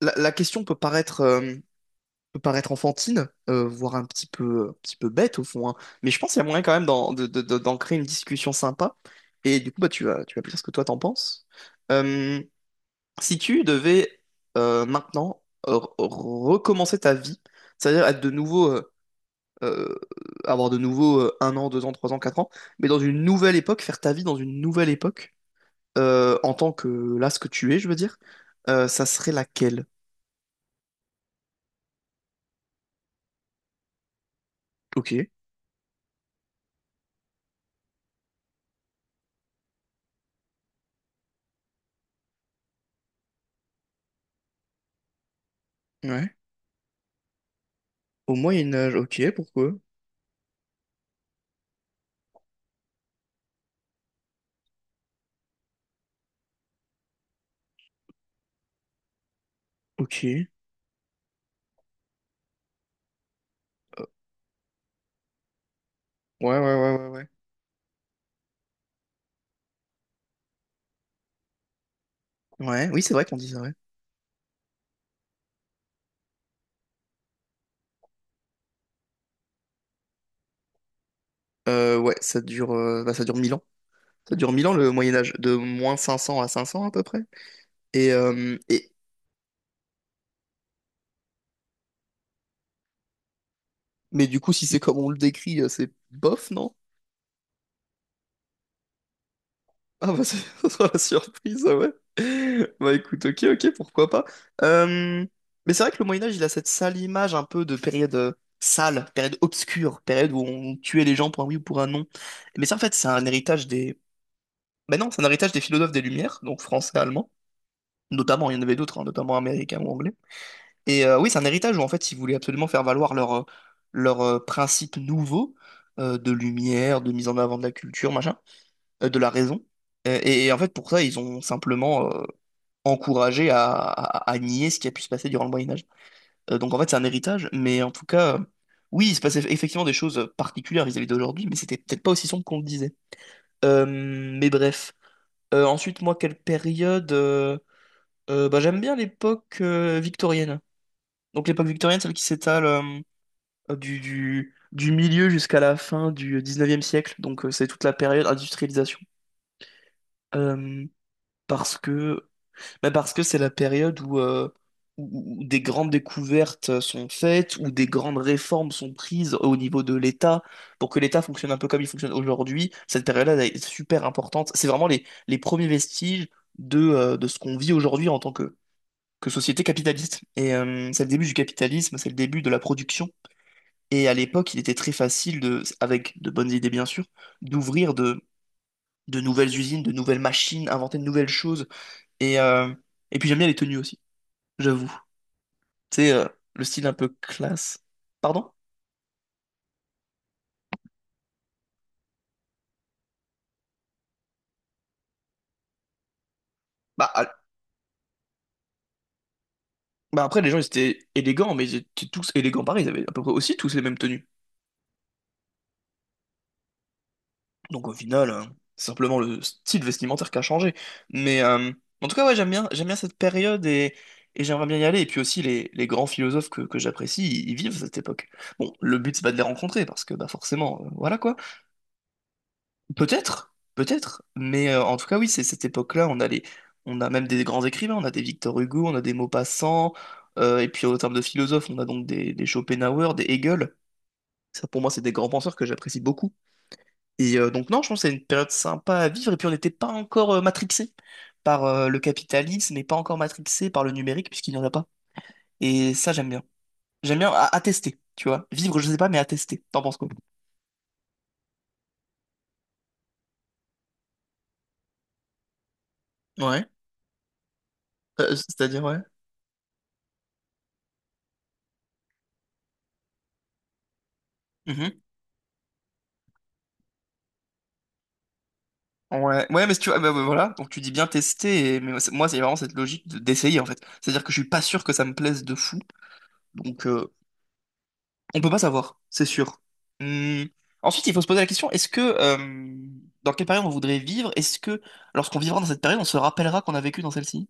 La question peut paraître enfantine, voire un petit peu bête au fond, hein. Mais je pense qu'il y a moyen quand même d'en, de- d'en créer une discussion sympa. Et du coup, bah, tu vas me dire ce que toi t'en penses. Euh, Si tu devais maintenant euh, re- recommencer ta vie, c'est-à-dire être de nouveau, euh, avoir de nouveau un an, deux ans, trois ans, quatre ans, mais dans une nouvelle époque, faire ta vie dans une nouvelle époque, en tant que là, ce que tu es, je veux dire, ça serait laquelle? Ok. Ouais. Au Moyen Âge, ok, pourquoi? Ok. Ouais, ouais, ouais, ouais, ouais. Ouais, oui, c'est vrai qu'on dit ça, ouais. Ouais, ça dure, bah, ça dure 1000 ans. Ça dure 1000 ans le Moyen Âge, de moins 500 à 500 à peu près. Et, euh, et... Mais du coup, si c'est comme on le décrit, c'est bof, non? Ah bah, c'est- ça sera la surprise, ah ouais. Bah écoute, ok, ok, pourquoi pas. Euh, Mais c'est vrai que le Moyen Âge, il a cette sale image un peu de période sale, période obscure, période où on tuait les gens pour un oui ou pour un non. Mais ça, en fait, c'est un héritage des Ben non, c'est un héritage des philosophes des Lumières, donc français, allemand, notamment, il y en avait d'autres, hein, notamment américains ou anglais. Oui, c'est un héritage où en fait ils voulaient absolument faire valoir leurs principes nouveaux de lumière, de mise en avant de la culture, machin, de la raison. Et en fait pour ça, ils ont simplement encouragé à nier ce qui a pu se passer durant le Moyen Âge. Donc en fait c'est un héritage, mais en tout cas, oui, il se passait effectivement des choses particulières vis-à-vis d'aujourd'hui, mais c'était peut-être pas aussi sombre qu'on le disait. Mais bref. Ensuite, moi, quelle période, bah, j'aime bien l'époque victorienne. Donc l'époque victorienne, celle qui s'étale du, du milieu jusqu'à la fin du 19e siècle. Donc c'est toute la période industrialisation. Euh, parce que Mais parce que c'est la période où, où des grandes découvertes sont faites, où des grandes réformes sont prises au niveau de l'État, pour que l'État fonctionne un peu comme il fonctionne aujourd'hui. Cette période-là elle est super importante. C'est vraiment les premiers vestiges de ce qu'on vit aujourd'hui en tant que société capitaliste. C'est le début du capitalisme, c'est le début de la production. Et à l'époque, il était très facile, avec de bonnes idées bien sûr, d'ouvrir de, de nouvelles usines, de nouvelles machines, inventer de nouvelles choses. Et, euh, et puis j'aime bien les tenues aussi j'avoue. Tu sais, le style un peu classe. Pardon? Bah, à- Bah après, les gens, ils étaient élégants, mais ils étaient tous élégants pareil. Ils avaient à peu près aussi tous les mêmes tenues. Donc au final, c'est simplement le style vestimentaire qui a changé. Mais euh, En tout cas, ouais, j'aime bien cette période, et j'aimerais bien y aller. Et puis aussi, les grands philosophes que j'apprécie, ils vivent cette époque. Bon, le but, c'est pas de les rencontrer, parce que bah forcément, voilà quoi. Peut-être, peut-être, mais en tout cas, oui, c'est cette époque-là, on a on a même des grands écrivains, on a des Victor Hugo, on a des Maupassant, et puis en termes de philosophes, on a donc des Schopenhauer, des Hegel. Ça, pour moi, c'est des grands penseurs que j'apprécie beaucoup. Donc, non, je pense que c'est une période sympa à vivre, et puis on n'était pas encore matrixé par le capitalisme, et pas encore matrixé par le numérique, puisqu'il n'y en a pas. Et ça, j'aime bien. À tester, tu vois. Vivre, je sais pas, mais à tester. T'en penses quoi? Ouais, c'est-à-dire, ouais. Ouais, ouais, mais si tu vois, bah, voilà, donc tu dis bien tester, et... mais moi, c'est vraiment cette logique d'essayer en fait. C'est-à-dire que je suis pas sûr que ça me plaise de fou, donc on peut pas savoir, c'est sûr. Hum, Ensuite, il faut se poser la question, est-ce que dans quelle période on voudrait vivre? Est-ce que lorsqu'on vivra dans cette période, on se rappellera qu'on a vécu dans celle-ci,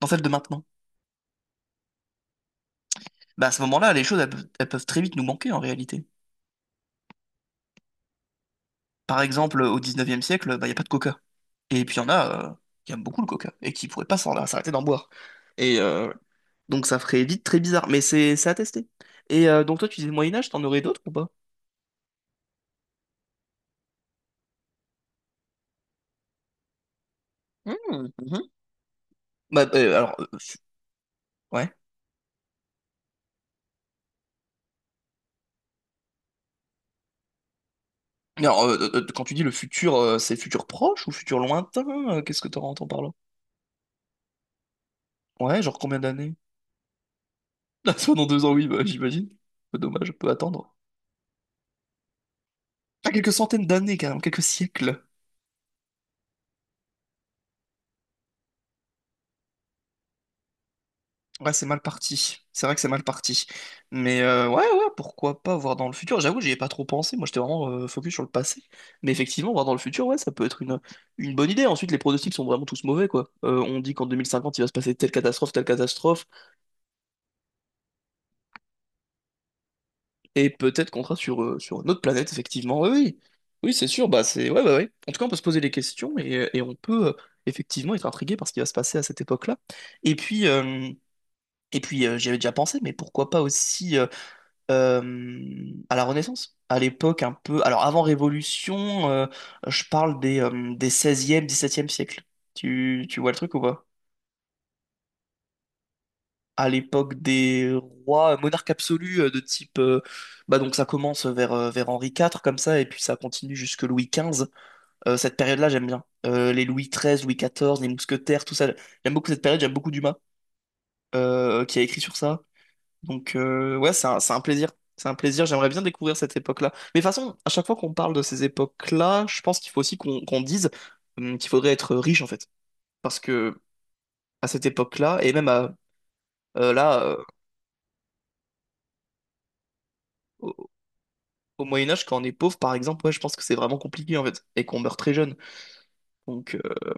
dans celle de maintenant? Bah à ce moment-là, les choses, elles peuvent très vite nous manquer en réalité. Par exemple, au 19e siècle, bah, il n'y a pas de coca. Et puis il y en a qui aiment beaucoup le coca et qui pourraient pas s'arrêter d'en boire. Et euh, Donc ça ferait vite très bizarre, mais c'est à tester. Donc toi, tu disais Moyen-Âge, t'en aurais d'autres ou pas? Mhm, mhm. Bah, euh, alors, euh, fu- ouais. Alors, quand tu dis le futur, c'est futur proche ou futur lointain? Qu'est-ce que t'aurais entends par là? Ouais, genre combien d'années? soit dans 2 ans, oui, bah, j'imagine. Dommage, on peut attendre. Ah, quelques centaines d'années, carrément, quelques siècles. Ouais, c'est mal parti. C'est vrai que c'est mal parti. Ouais, ouais, pourquoi pas voir dans le futur. J'avoue, j'y ai pas trop pensé. Moi, j'étais vraiment focus sur le passé. Mais effectivement, voir dans le futur, ouais, ça peut être une bonne idée. Ensuite, les pronostics sont vraiment tous mauvais, quoi. On dit qu'en 2050, il va se passer telle catastrophe, telle catastrophe. Et peut-être qu'on sera sur une autre planète, effectivement. Oui, oui. Oui, c'est sûr. Bah, c'est... Ouais, bah, ouais. En tout cas, on peut se poser des questions, et on peut effectivement être intrigué par ce qui va se passer à cette époque-là. Et puis... euh, Et puis, j'y avais déjà pensé, mais pourquoi pas aussi à la Renaissance, à l'époque un peu. Alors avant Révolution, je parle des 16e, 17 siècle. Tu vois le truc ou pas? À l'époque des rois, monarques absolus de type. Bah donc ça commence vers, vers Henri IV comme ça, et puis ça continue jusque Louis XV. Cette période-là, j'aime bien. Les Louis XIII, Louis XIV, les mousquetaires, tout ça. J'aime beaucoup cette période, j'aime beaucoup Dumas qui a écrit sur ça. Donc, ouais, c'est un plaisir. C'est un plaisir. J'aimerais bien découvrir cette époque-là. Mais de toute façon, à chaque fois qu'on parle de ces époques-là, je pense qu'il faut aussi qu'on dise qu'il faudrait être riche, en fait. Parce que à cette époque-là, et même euh, là, euh, au, Moyen Âge, quand on est pauvre, par exemple, ouais, je pense que c'est vraiment compliqué, en fait, et qu'on meurt très jeune. Donc,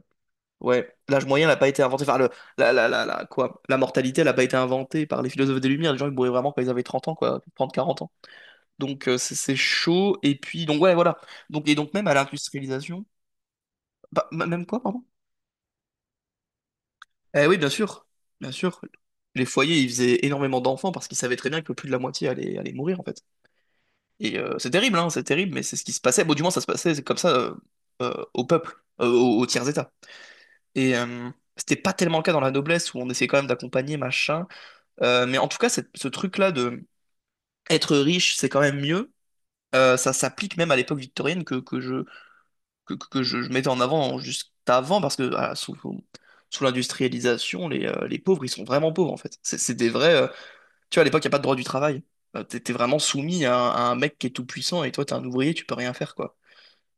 ouais, l'âge moyen n'a pas été inventé. Enfin, le, la- quoi, la mortalité, elle n'a pas été inventée par les philosophes des Lumières. Les gens, ils mouraient vraiment quand ils avaient 30 ans, quoi, 30 40 ans. Donc c'est chaud. Et puis, donc ouais, voilà. Donc, et donc même à l'industrialisation. Même quoi, pardon? Eh oui, bien sûr. Bien sûr. Les foyers, ils faisaient énormément d'enfants parce qu'ils savaient très bien que plus de la moitié allait mourir, en fait. C'est terrible, hein, c'est terrible, mais c'est ce qui se passait. Bon, du moins, ça se passait comme ça au peuple, au tiers-état. Et euh, C'était pas tellement le cas dans la noblesse où on essayait quand même d'accompagner, machin. Mais en tout cas, ce truc-là de être riche, c'est quand même mieux. Ça s'applique même à l'époque victorienne que je mettais en avant juste avant, parce que ah, sous, sous l'industrialisation, les pauvres, ils sont vraiment pauvres, en fait. C'est des vrais... tu vois, à l'époque, il n'y a pas de droit du travail. T'es vraiment soumis à un mec qui est tout puissant, et toi, t'es un ouvrier, tu peux rien faire, quoi.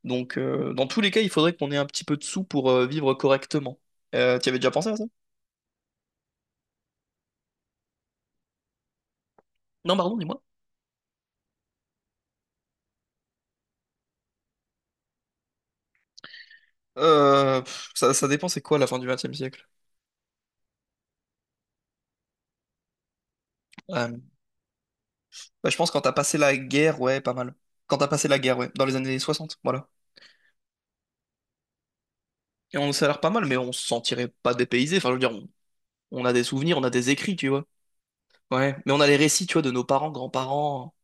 Donc, dans tous les cas, il faudrait qu'on ait un petit peu de sous pour vivre correctement. Tu avais déjà pensé à ça? Non, pardon, dis-moi. Pff, ça dépend, c'est quoi la fin du XXe siècle? Euh, Bah, je pense quand t'as passé la guerre, ouais, pas mal. Quand t'as passé la guerre, ouais, dans les années 60 voilà. Et on, ça a l'air pas mal, mais on se sentirait pas dépaysé. Enfin, je veux dire, on a des souvenirs, on a des écrits, tu vois. Ouais, mais on a les récits, tu vois, de nos parents, grands-parents.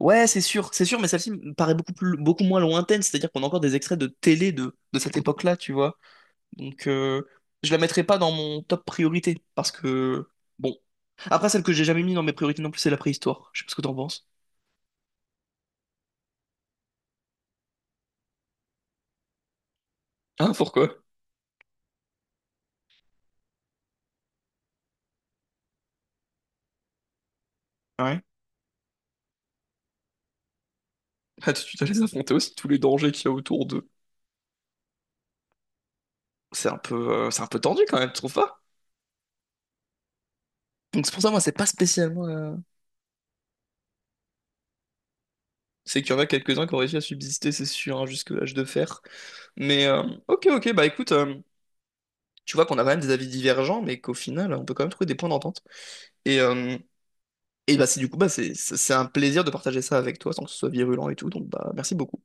Ouais, c'est sûr, mais celle-ci me paraît beaucoup plus, beaucoup moins lointaine. C'est-à-dire qu'on a encore des extraits de télé de cette époque-là, tu vois. Donc, je la mettrai pas dans mon top priorité, parce que, bon. Après, celle que j'ai jamais mis dans mes priorités non plus, c'est la préhistoire. Je sais pas ce que t'en penses. Ah, pourquoi? Ouais. Ah, tu dois les affronter aussi, tous les dangers qu'il y a autour d'eux. C'est un peu, c'est un peu tendu quand même, tu trouves pas? Donc, c'est pour ça, moi, c'est pas spécialement. C'est qu'il y en a quelques-uns qui ont réussi à subsister, c'est sûr, hein, jusque l'âge de fer. Mais euh, ok, ok, bah écoute, tu vois qu'on a quand même des avis divergents, mais qu'au final, on peut quand même trouver des points d'entente. Et, euh, et bah c'est du coup, bah, c'est un plaisir de partager ça avec toi, sans que ce soit virulent et tout, donc bah merci beaucoup.